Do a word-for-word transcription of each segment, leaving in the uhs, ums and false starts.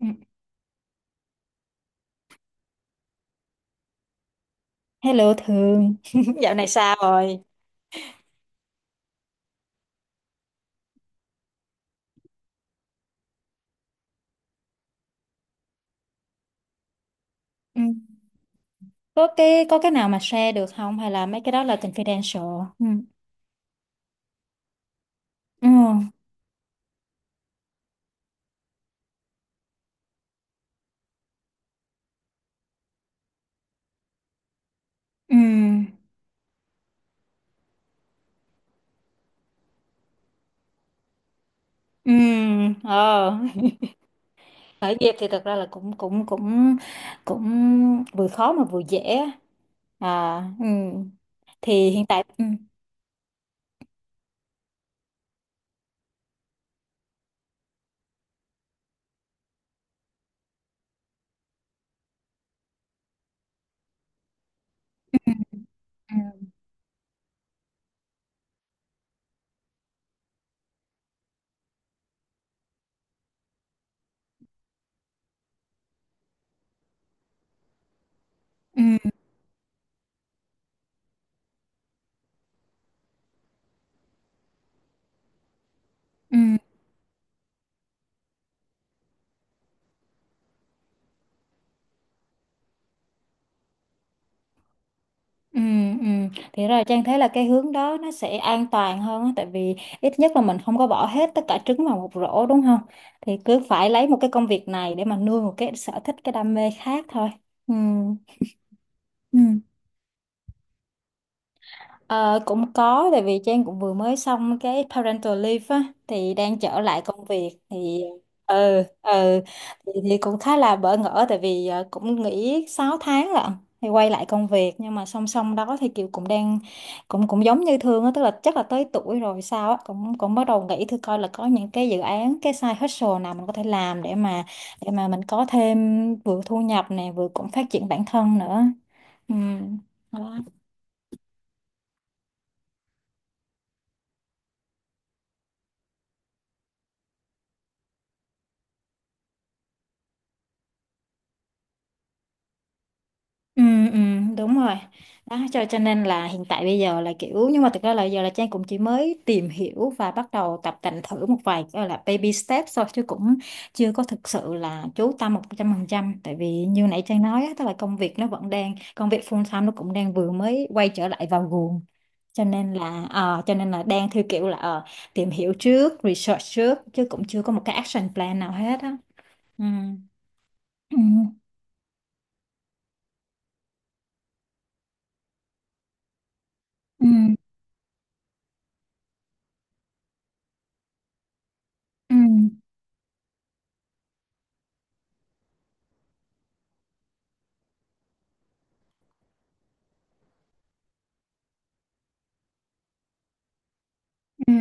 Ừ. Hello Thường Dạo này sao rồi? Ừ. Có cái có cái nào mà share được không hay là mấy cái đó là confidential? Ừ. Ừ. Ừ. Ừ. Ờ. Khởi nghiệp thì thật ra là cũng cũng cũng cũng vừa khó mà vừa dễ á. À, ừ. Thì hiện tại ừ. Ừ. Ừ. Ừ. Ừ. Ừ, ừ. Thì rồi Trang thấy là cái hướng đó nó sẽ an toàn hơn á, tại vì ít nhất là mình không có bỏ hết tất cả trứng vào một rổ đúng không? Thì cứ phải lấy một cái công việc này để mà nuôi một cái sở thích cái đam mê khác thôi. Ừ. Ừ. Ờ, cũng có tại vì Trang cũng vừa mới xong cái parental leave á thì đang trở lại công việc thì ừ, ừ, thì, thì cũng khá là bỡ ngỡ tại vì ờ, cũng nghỉ sáu tháng lận, thì quay lại công việc nhưng mà song song đó thì Kiều cũng đang cũng cũng giống như Thương á, tức là chắc là tới tuổi rồi sao á, cũng cũng bắt đầu nghĩ thử coi là có những cái dự án cái side hustle nào mình có thể làm để mà để mà mình có thêm vừa thu nhập này vừa cũng phát triển bản thân nữa. Ừ. Đó. Ừ, ừ, đúng rồi đó, cho cho nên là hiện tại bây giờ là kiểu, nhưng mà thực ra là giờ là Trang cũng chỉ mới tìm hiểu và bắt đầu tập tành thử một vài gọi là baby steps thôi, chứ cũng chưa có thực sự là chú tâm một trăm phần trăm, tại vì như nãy Trang nói á, tức là công việc nó vẫn đang công việc full time, nó cũng đang vừa mới quay trở lại vào guồng, cho nên là ờ, cho nên là đang theo kiểu là ờ, tìm hiểu trước, research trước chứ cũng chưa có một cái action plan nào hết á. Ừ. Ừ. Ừ. Ừ. Ừ.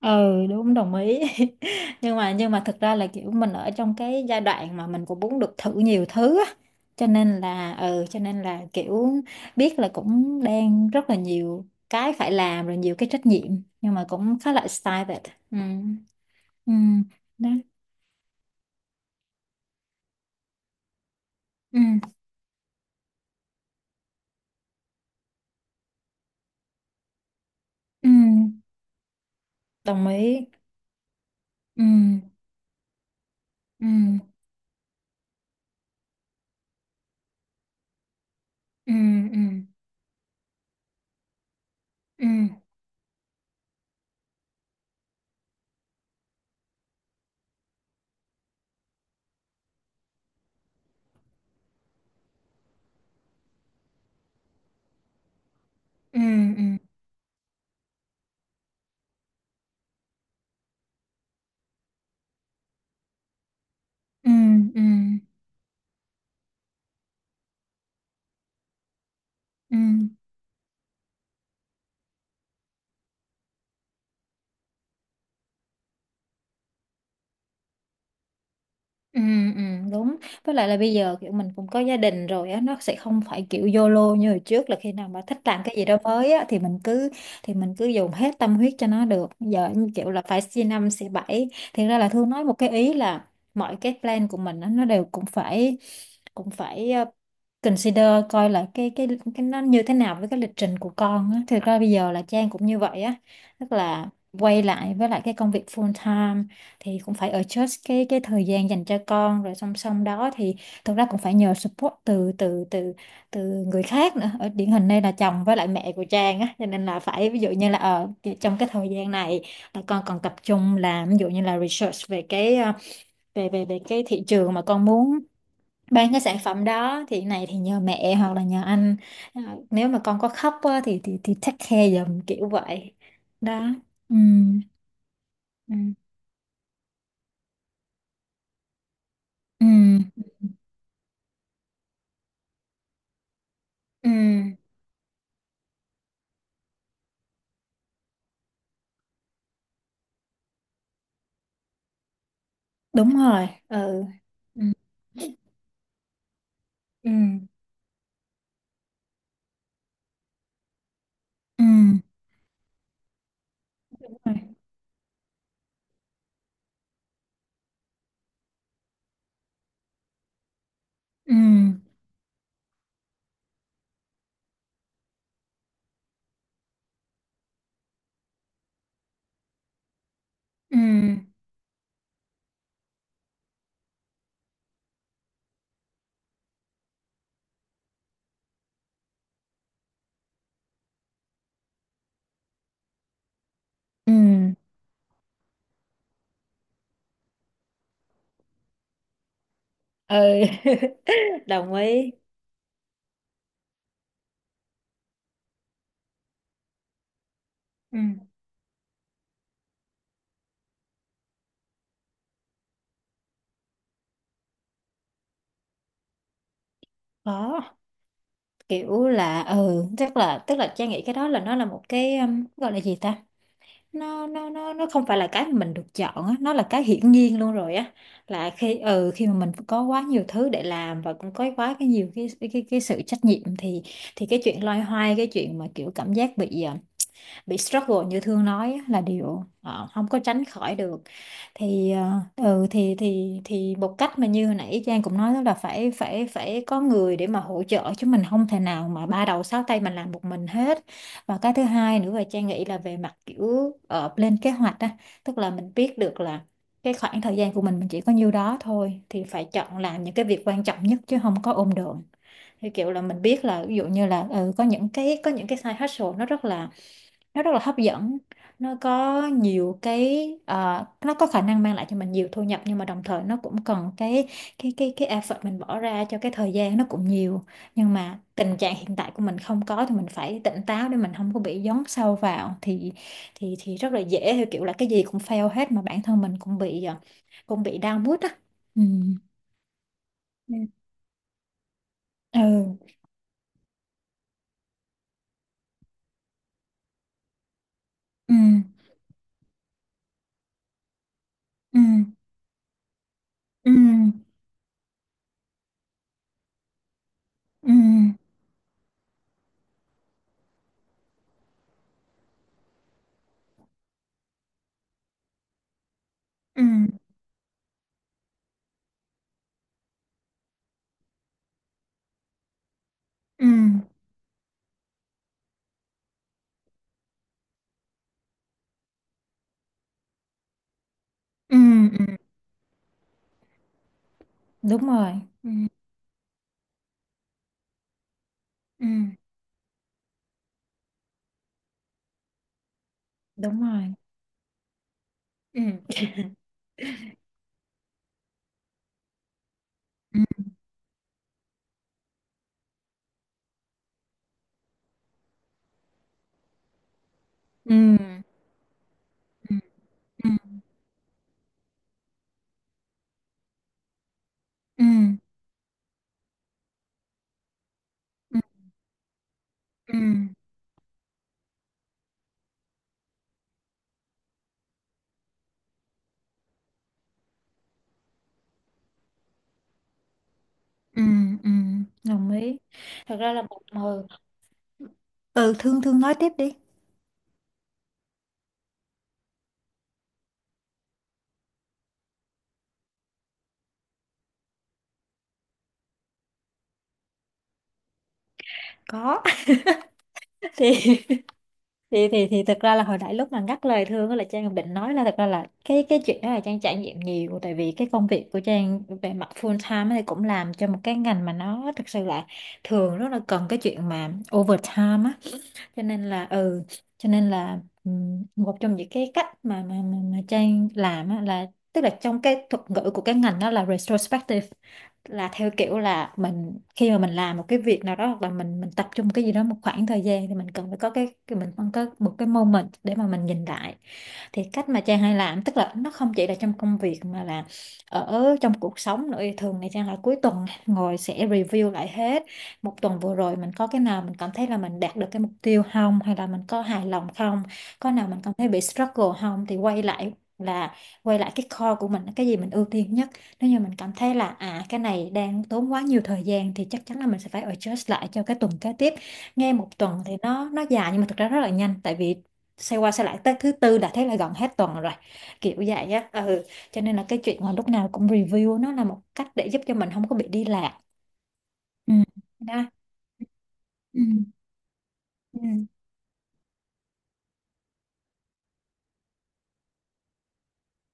Ừ, đúng, đồng ý. nhưng mà nhưng mà thực ra là kiểu mình ở trong cái giai đoạn mà mình cũng muốn được thử nhiều thứ á, cho nên là ừ, cho nên là kiểu biết là cũng đang rất là nhiều cái phải làm rồi, nhiều cái trách nhiệm, nhưng mà cũng khá là excited. Ừ. Ừ. Đó. Ừ. Ừ, đồng ý. Ừ. Ừ. Ừ. Ừ. Ừ. Ừ. Ừ. Ừ. Ừ. Ừ. Ừ. Ừ, ừ, đúng. Với lại là bây giờ kiểu mình cũng có gia đình rồi á, nó sẽ không phải kiểu YOLO như hồi trước là khi nào mà thích làm cái gì đó mới á thì mình cứ thì mình cứ dùng hết tâm huyết cho nó được, giờ như kiểu là phải xi năm xi bảy. Thì ra là Thương nói một cái ý là mọi cái plan của mình á, nó đều cũng phải cũng phải ờ, consider, coi là cái cái cái nó như thế nào với cái lịch trình của con á. Thực ra bây giờ là Trang cũng như vậy á, tức là quay lại với lại cái công việc full time thì cũng phải adjust cái cái thời gian dành cho con, rồi song song đó thì thực ra cũng phải nhờ support từ từ từ từ người khác nữa, ở điển hình đây là chồng với lại mẹ của Trang á, cho nên là phải ví dụ như là ở trong cái thời gian này là con còn tập trung làm, ví dụ như là research về cái ờ, về về về cái thị trường mà con muốn bán cái sản phẩm đó, thì này thì nhờ mẹ hoặc là nhờ anh, Ờ, nếu mà con có khóc á, thì thì thì take care giùm kiểu vậy. Đó. Ừ. Ừ. Ừ. Ừ, đúng rồi. Ừ. Ừ. Ừ. Ừ, đúng rồi. Ừ. Ừ. Ừ. Ừ. Đồng ý. Ừ, có. Kiểu là ừ, chắc là tức là Trang nghĩ cái đó là nó là một cái um, gọi là gì ta, nó nó nó nó không phải là cái mà mình được chọn á, nó là cái hiển nhiên luôn rồi á, là khi ừ, khi mà mình có quá nhiều thứ để làm và cũng có quá cái nhiều cái cái cái, cái sự trách nhiệm, thì thì cái chuyện loay hoay, cái chuyện mà kiểu cảm giác bị um, bị struggle như Thương nói á, là điều ờ, không có tránh khỏi được. Thì ờ, ừ, thì thì thì một cách mà như hồi nãy Trang cũng nói đó là phải phải phải có người để mà hỗ trợ, chứ mình không thể nào mà ba đầu sáu tay mình làm một mình hết. Và cái thứ hai nữa là Trang nghĩ là về mặt kiểu ờ, lên kế hoạch á, tức là mình biết được là cái khoảng thời gian của mình mình chỉ có nhiêu đó thôi thì phải chọn làm những cái việc quan trọng nhất, chứ không có ôm đồm. Thì kiểu là mình biết là ví dụ như là ừ, có những cái có những cái side hustle nó rất là nó rất là hấp dẫn, nó có nhiều cái ờ, nó có khả năng mang lại cho mình nhiều thu nhập, nhưng mà đồng thời nó cũng cần cái cái cái cái effort mình bỏ ra, cho cái thời gian nó cũng nhiều, nhưng mà tình trạng hiện tại của mình không có, thì mình phải tỉnh táo để mình không có bị dấn sâu vào. Thì thì thì rất là dễ theo kiểu là cái gì cũng fail hết, mà bản thân mình cũng bị ờ, cũng bị down mood á. Ừ Ừ. Ừ. Ừ. Ừ. Ừ. Ừ. Ừ. Ừ. Ừ. Ừ. Đúng rồi. Ừ. Ừ, đúng rồi. Ừ. Ừ. Ừ. Ừ. Ừ. Ừ. Ừ. Ừ. Ừ. Ừ. Đồng ý. Thật ra là một hồi, ừ, thương thương nói tiếp đi. Có. thì thì thì thì thực ra là hồi nãy lúc mà ngắt lời Thương á, là Trang cũng định nói là thật ra là cái cái chuyện đó là Trang trải nghiệm nhiều, tại vì cái công việc của Trang về mặt full time ấy thì cũng làm cho một cái ngành mà nó thực sự là thường rất là cần cái chuyện mà overtime á, cho nên là ừ, cho nên là ừm, một trong những cái cách mà mà mà, mà Trang làm á, là tức là trong cái thuật ngữ của cái ngành đó là retrospective, là theo kiểu là mình khi mà mình làm một cái việc nào đó, hoặc là mình mình tập trung cái gì đó một khoảng thời gian, thì mình cần phải có cái cái- mình cần có một cái moment để mà mình nhìn lại. Thì cách mà Trang hay làm tức là nó không chỉ là trong công việc mà là ở trong cuộc sống nữa, thường thì Trang là cuối tuần ngồi sẽ review lại hết một tuần vừa rồi, mình có cái nào mình cảm thấy là mình đạt được cái mục tiêu không, hay là mình có hài lòng không, có nào mình cảm thấy bị struggle không, thì quay lại, là quay lại cái core của mình, cái gì mình ưu tiên nhất. Nếu như mình cảm thấy là à, cái này đang tốn quá nhiều thời gian thì chắc chắn là mình sẽ phải adjust lại cho cái tuần kế tiếp. Nghe một tuần thì nó nó dài nhưng mà thực ra rất là nhanh, tại vì xoay qua xoay lại tới thứ tư đã thấy là gần hết tuần rồi, kiểu vậy á. Ừ, cho nên là cái chuyện mà lúc nào cũng review nó là một cách để giúp cho mình không có bị đi lạc. Ừ. Đó. Ừ. Ừ.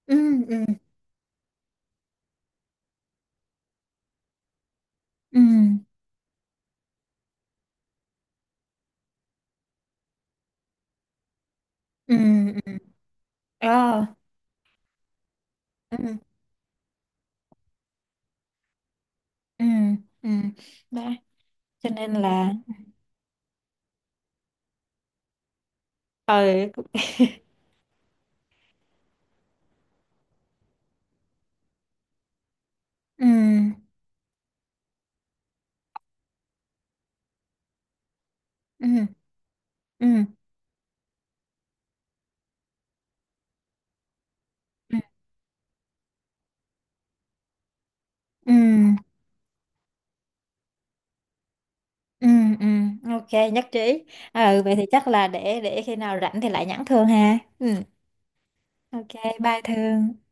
Ừ. Ừ. Ừ. Ừ. Ừ. Ờ. Ừ. Ừ. Ừ. Đó, cho nên là ờ, ừ. Ừ. Ừ. Ừ. Ừ, ừ, ừ, ok, nhất trí. Ừ, vậy thì chắc là để để khi nào rảnh thì lại nhắn Thương ha. Ừ, ok, bye Thương.